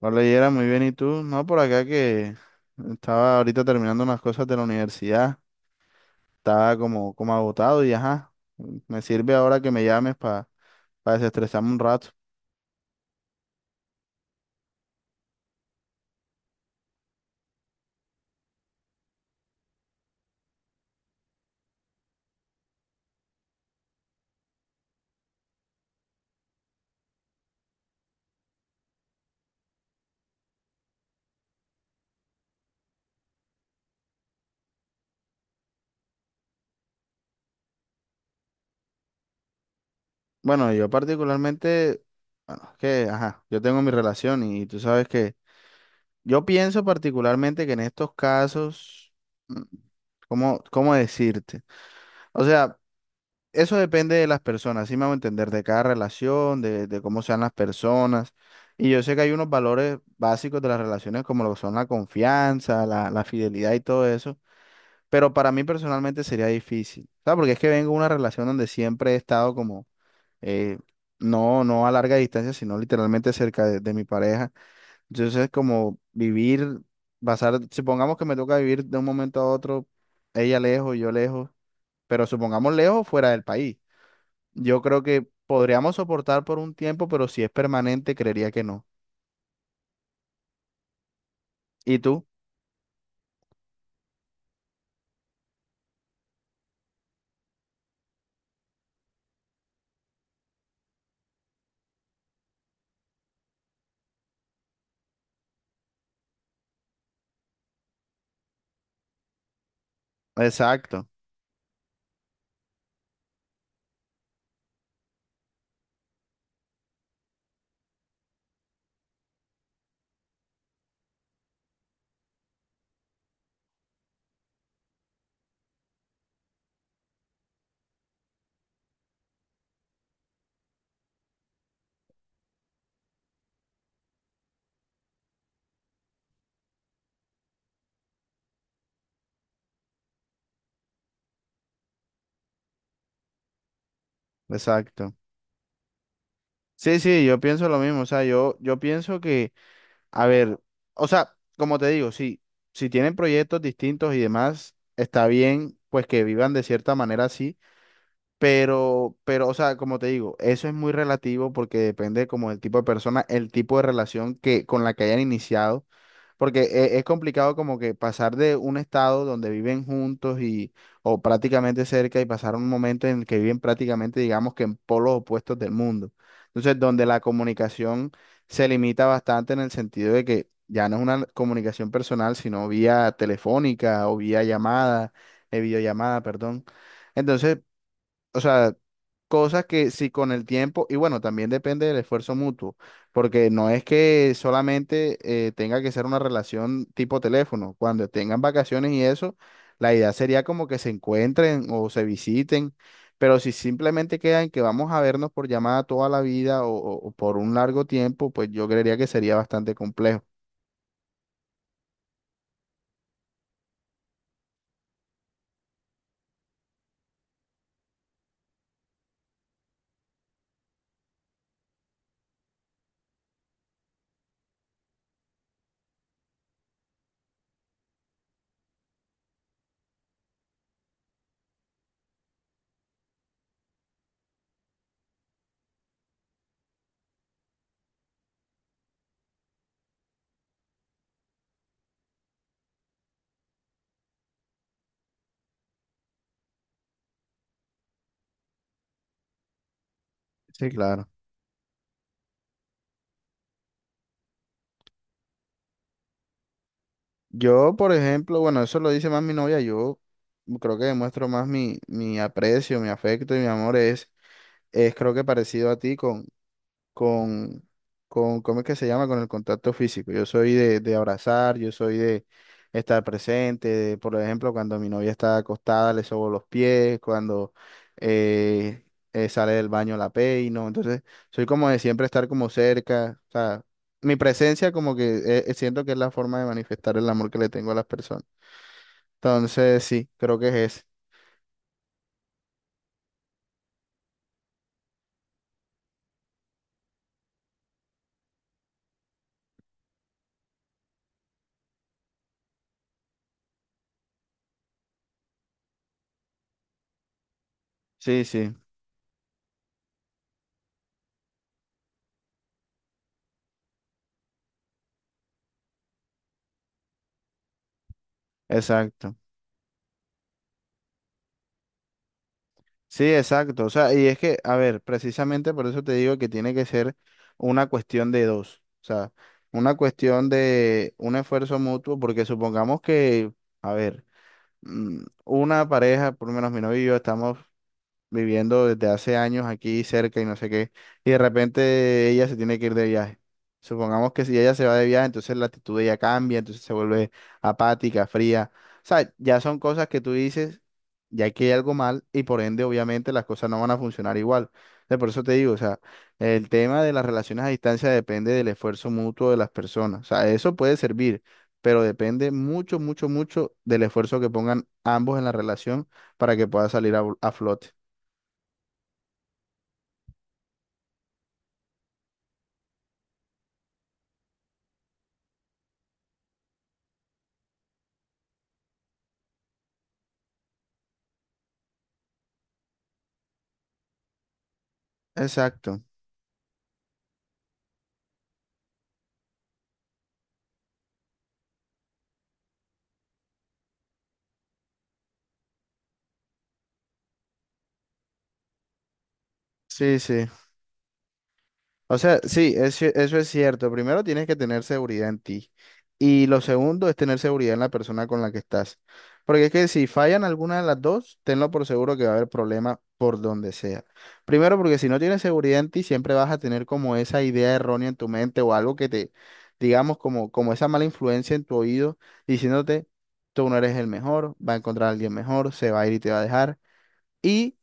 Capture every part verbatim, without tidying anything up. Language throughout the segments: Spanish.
No leyera muy bien, ¿y tú? No, por acá que estaba ahorita terminando unas cosas de la universidad, estaba como, como agotado y ajá, me sirve ahora que me llames para desestresarme un rato. Bueno, yo particularmente, bueno, es que, ajá, yo tengo mi relación y tú sabes que yo pienso particularmente que en estos casos, mm, ¿cómo, cómo decirte? O sea, eso depende de las personas, sí me hago entender, de cada relación, de, de cómo sean las personas. Y yo sé que hay unos valores básicos de las relaciones, como lo son la confianza, la, la fidelidad y todo eso. Pero para mí personalmente sería difícil, ¿sabes? Porque es que vengo de una relación donde siempre he estado como, eh, no, no a larga distancia, sino literalmente cerca de, de mi pareja. Entonces, es como vivir, basar, supongamos que me toca vivir de un momento a otro, ella lejos, yo lejos, pero supongamos lejos fuera del país. Yo creo que podríamos soportar por un tiempo, pero si es permanente, creería que no. ¿Y tú? Exacto, exacto. Sí, sí, yo pienso lo mismo. O sea, yo, yo pienso que, a ver, o sea, como te digo, sí, si tienen proyectos distintos y demás, está bien, pues que vivan de cierta manera así, pero, pero, o sea, como te digo, eso es muy relativo porque depende como del tipo de persona, el tipo de relación que, con la que hayan iniciado. Porque e- es complicado como que pasar de un estado donde viven juntos y o prácticamente cerca y pasar a un momento en el que viven prácticamente, digamos que en polos opuestos del mundo. Entonces, donde la comunicación se limita bastante en el sentido de que ya no es una comunicación personal, sino vía telefónica o vía llamada, eh, videollamada, perdón. Entonces, o sea, cosas que si con el tiempo, y bueno, también depende del esfuerzo mutuo, porque no es que solamente eh, tenga que ser una relación tipo teléfono, cuando tengan vacaciones y eso, la idea sería como que se encuentren o se visiten, pero si simplemente quedan que vamos a vernos por llamada toda la vida o, o o por un largo tiempo, pues yo creería que sería bastante complejo. Sí, claro. Yo, por ejemplo, bueno, eso lo dice más mi novia, yo creo que demuestro más mi, mi aprecio, mi afecto y mi amor es es creo que parecido a ti con, con, con, ¿cómo es que se llama? Con el contacto físico. Yo soy de, de abrazar, yo soy de estar presente, de, por ejemplo, cuando mi novia está acostada le sobo los pies, cuando eh, eh, sale del baño la peino, entonces soy como de siempre estar como cerca, o sea, mi presencia como que eh, eh, siento que es la forma de manifestar el amor que le tengo a las personas. Entonces, sí, creo que es ese. Sí, sí, exacto. Sí, exacto. O sea, y es que, a ver, precisamente por eso te digo que tiene que ser una cuestión de dos. O sea, una cuestión de un esfuerzo mutuo, porque supongamos que, a ver, mm, una pareja, por lo menos mi novio y yo, estamos viviendo desde hace años aquí cerca y no sé qué, y de repente ella se tiene que ir de viaje. Supongamos que si ella se va de viaje, entonces la actitud de ella cambia, entonces se vuelve apática, fría. O sea, ya son cosas que tú dices, ya que hay algo mal y por ende obviamente las cosas no van a funcionar igual. Entonces, por eso te digo, o sea, el tema de las relaciones a distancia depende del esfuerzo mutuo de las personas. O sea, eso puede servir, pero depende mucho, mucho, mucho del esfuerzo que pongan ambos en la relación para que pueda salir a a flote. Exacto. Sí, sí. O sea, sí, eso, eso es cierto. Primero tienes que tener seguridad en ti. Y lo segundo es tener seguridad en la persona con la que estás. Porque es que si fallan alguna de las dos, tenlo por seguro que va a haber problema por donde sea. Primero, porque si no tienes seguridad en ti, siempre vas a tener como esa idea errónea en tu mente o algo que te, digamos, como, como esa mala influencia en tu oído diciéndote, tú no eres el mejor, va a encontrar a alguien mejor, se va a ir y te va a dejar. Y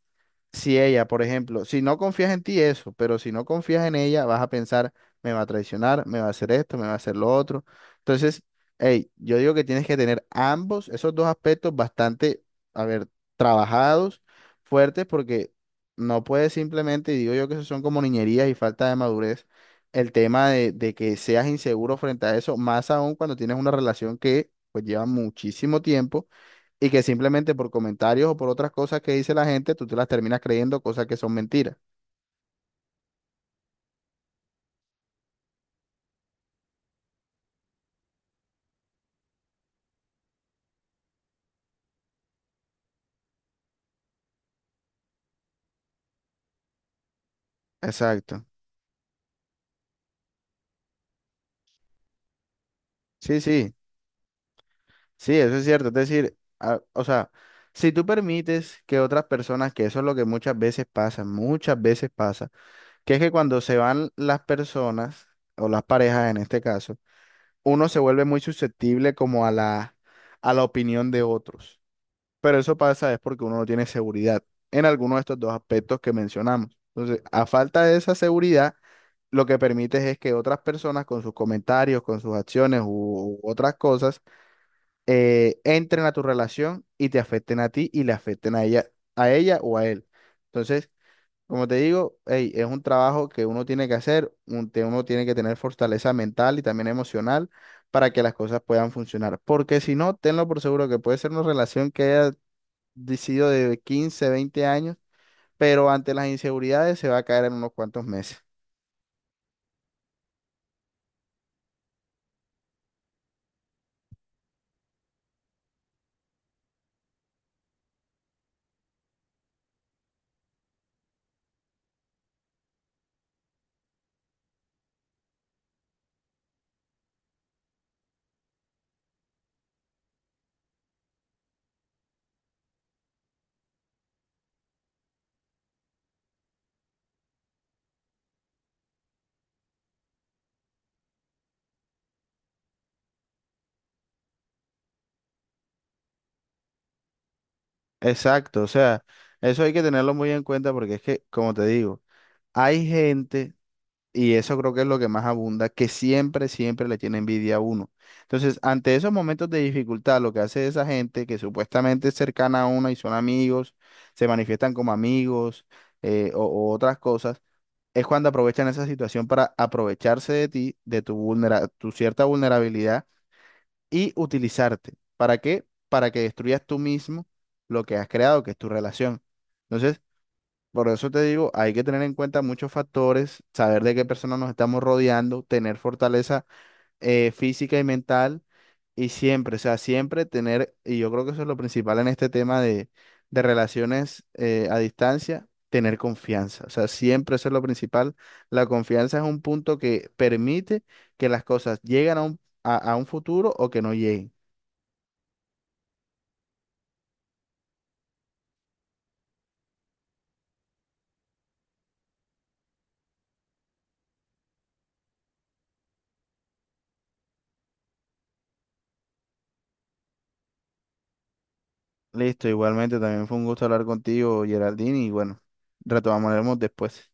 si ella, por ejemplo, si no confías en ti, eso, pero si no confías en ella, vas a pensar, me va a traicionar, me va a hacer esto, me va a hacer lo otro. Entonces, hey, yo digo que tienes que tener ambos, esos dos aspectos bastante, a ver, trabajados, fuertes, porque no puedes simplemente, y digo yo que eso son como niñerías y falta de madurez, el tema de, de que seas inseguro frente a eso, más aún cuando tienes una relación que pues lleva muchísimo tiempo y que simplemente por comentarios o por otras cosas que dice la gente, tú te las terminas creyendo cosas que son mentiras. Exacto. Sí, sí, sí, eso es cierto. Es decir, a- o sea, si tú permites que otras personas, que eso es lo que muchas veces pasa, muchas veces pasa, que es que cuando se van las personas, o las parejas en este caso, uno se vuelve muy susceptible como a la, a la opinión de otros. Pero eso pasa es porque uno no tiene seguridad en alguno de estos dos aspectos que mencionamos. Entonces, a falta de esa seguridad, lo que permites es que otras personas con sus comentarios, con sus acciones u, u otras cosas, eh, entren a tu relación y te afecten a ti y le afecten a ella, a ella o a él. Entonces, como te digo, ey, es un trabajo que uno tiene que hacer, un- te- uno tiene que tener fortaleza mental y también emocional para que las cosas puedan funcionar. Porque si no, tenlo por seguro que puede ser una relación que haya de- sido de quince, veinte años, pero ante las inseguridades se va a caer en unos cuantos meses. Exacto, o sea, eso hay que tenerlo muy en cuenta porque es que, como te digo, hay gente, y eso creo que es lo que más abunda, que siempre, siempre le tiene envidia a uno. Entonces, ante esos momentos de dificultad, lo que hace esa gente que supuestamente es cercana a uno y son amigos, se manifiestan como amigos eh, o, o otras cosas, es cuando aprovechan esa situación para aprovecharse de ti, de tu vulnera- tu cierta vulnerabilidad y utilizarte. ¿Para qué? Para que destruyas tú mismo lo que has creado, que es tu relación. Entonces, por eso te digo, hay que tener en cuenta muchos factores, saber de qué personas nos estamos rodeando, tener fortaleza eh, física y mental y siempre, o sea, siempre tener, y yo creo que eso es lo principal en este tema de, de relaciones eh, a distancia. Tener confianza, o sea, siempre eso es lo principal. La confianza es un punto que permite que las cosas lleguen a un, a a un futuro o que no lleguen. Listo, igualmente también fue un gusto hablar contigo, Geraldine, y bueno, retomaremos después.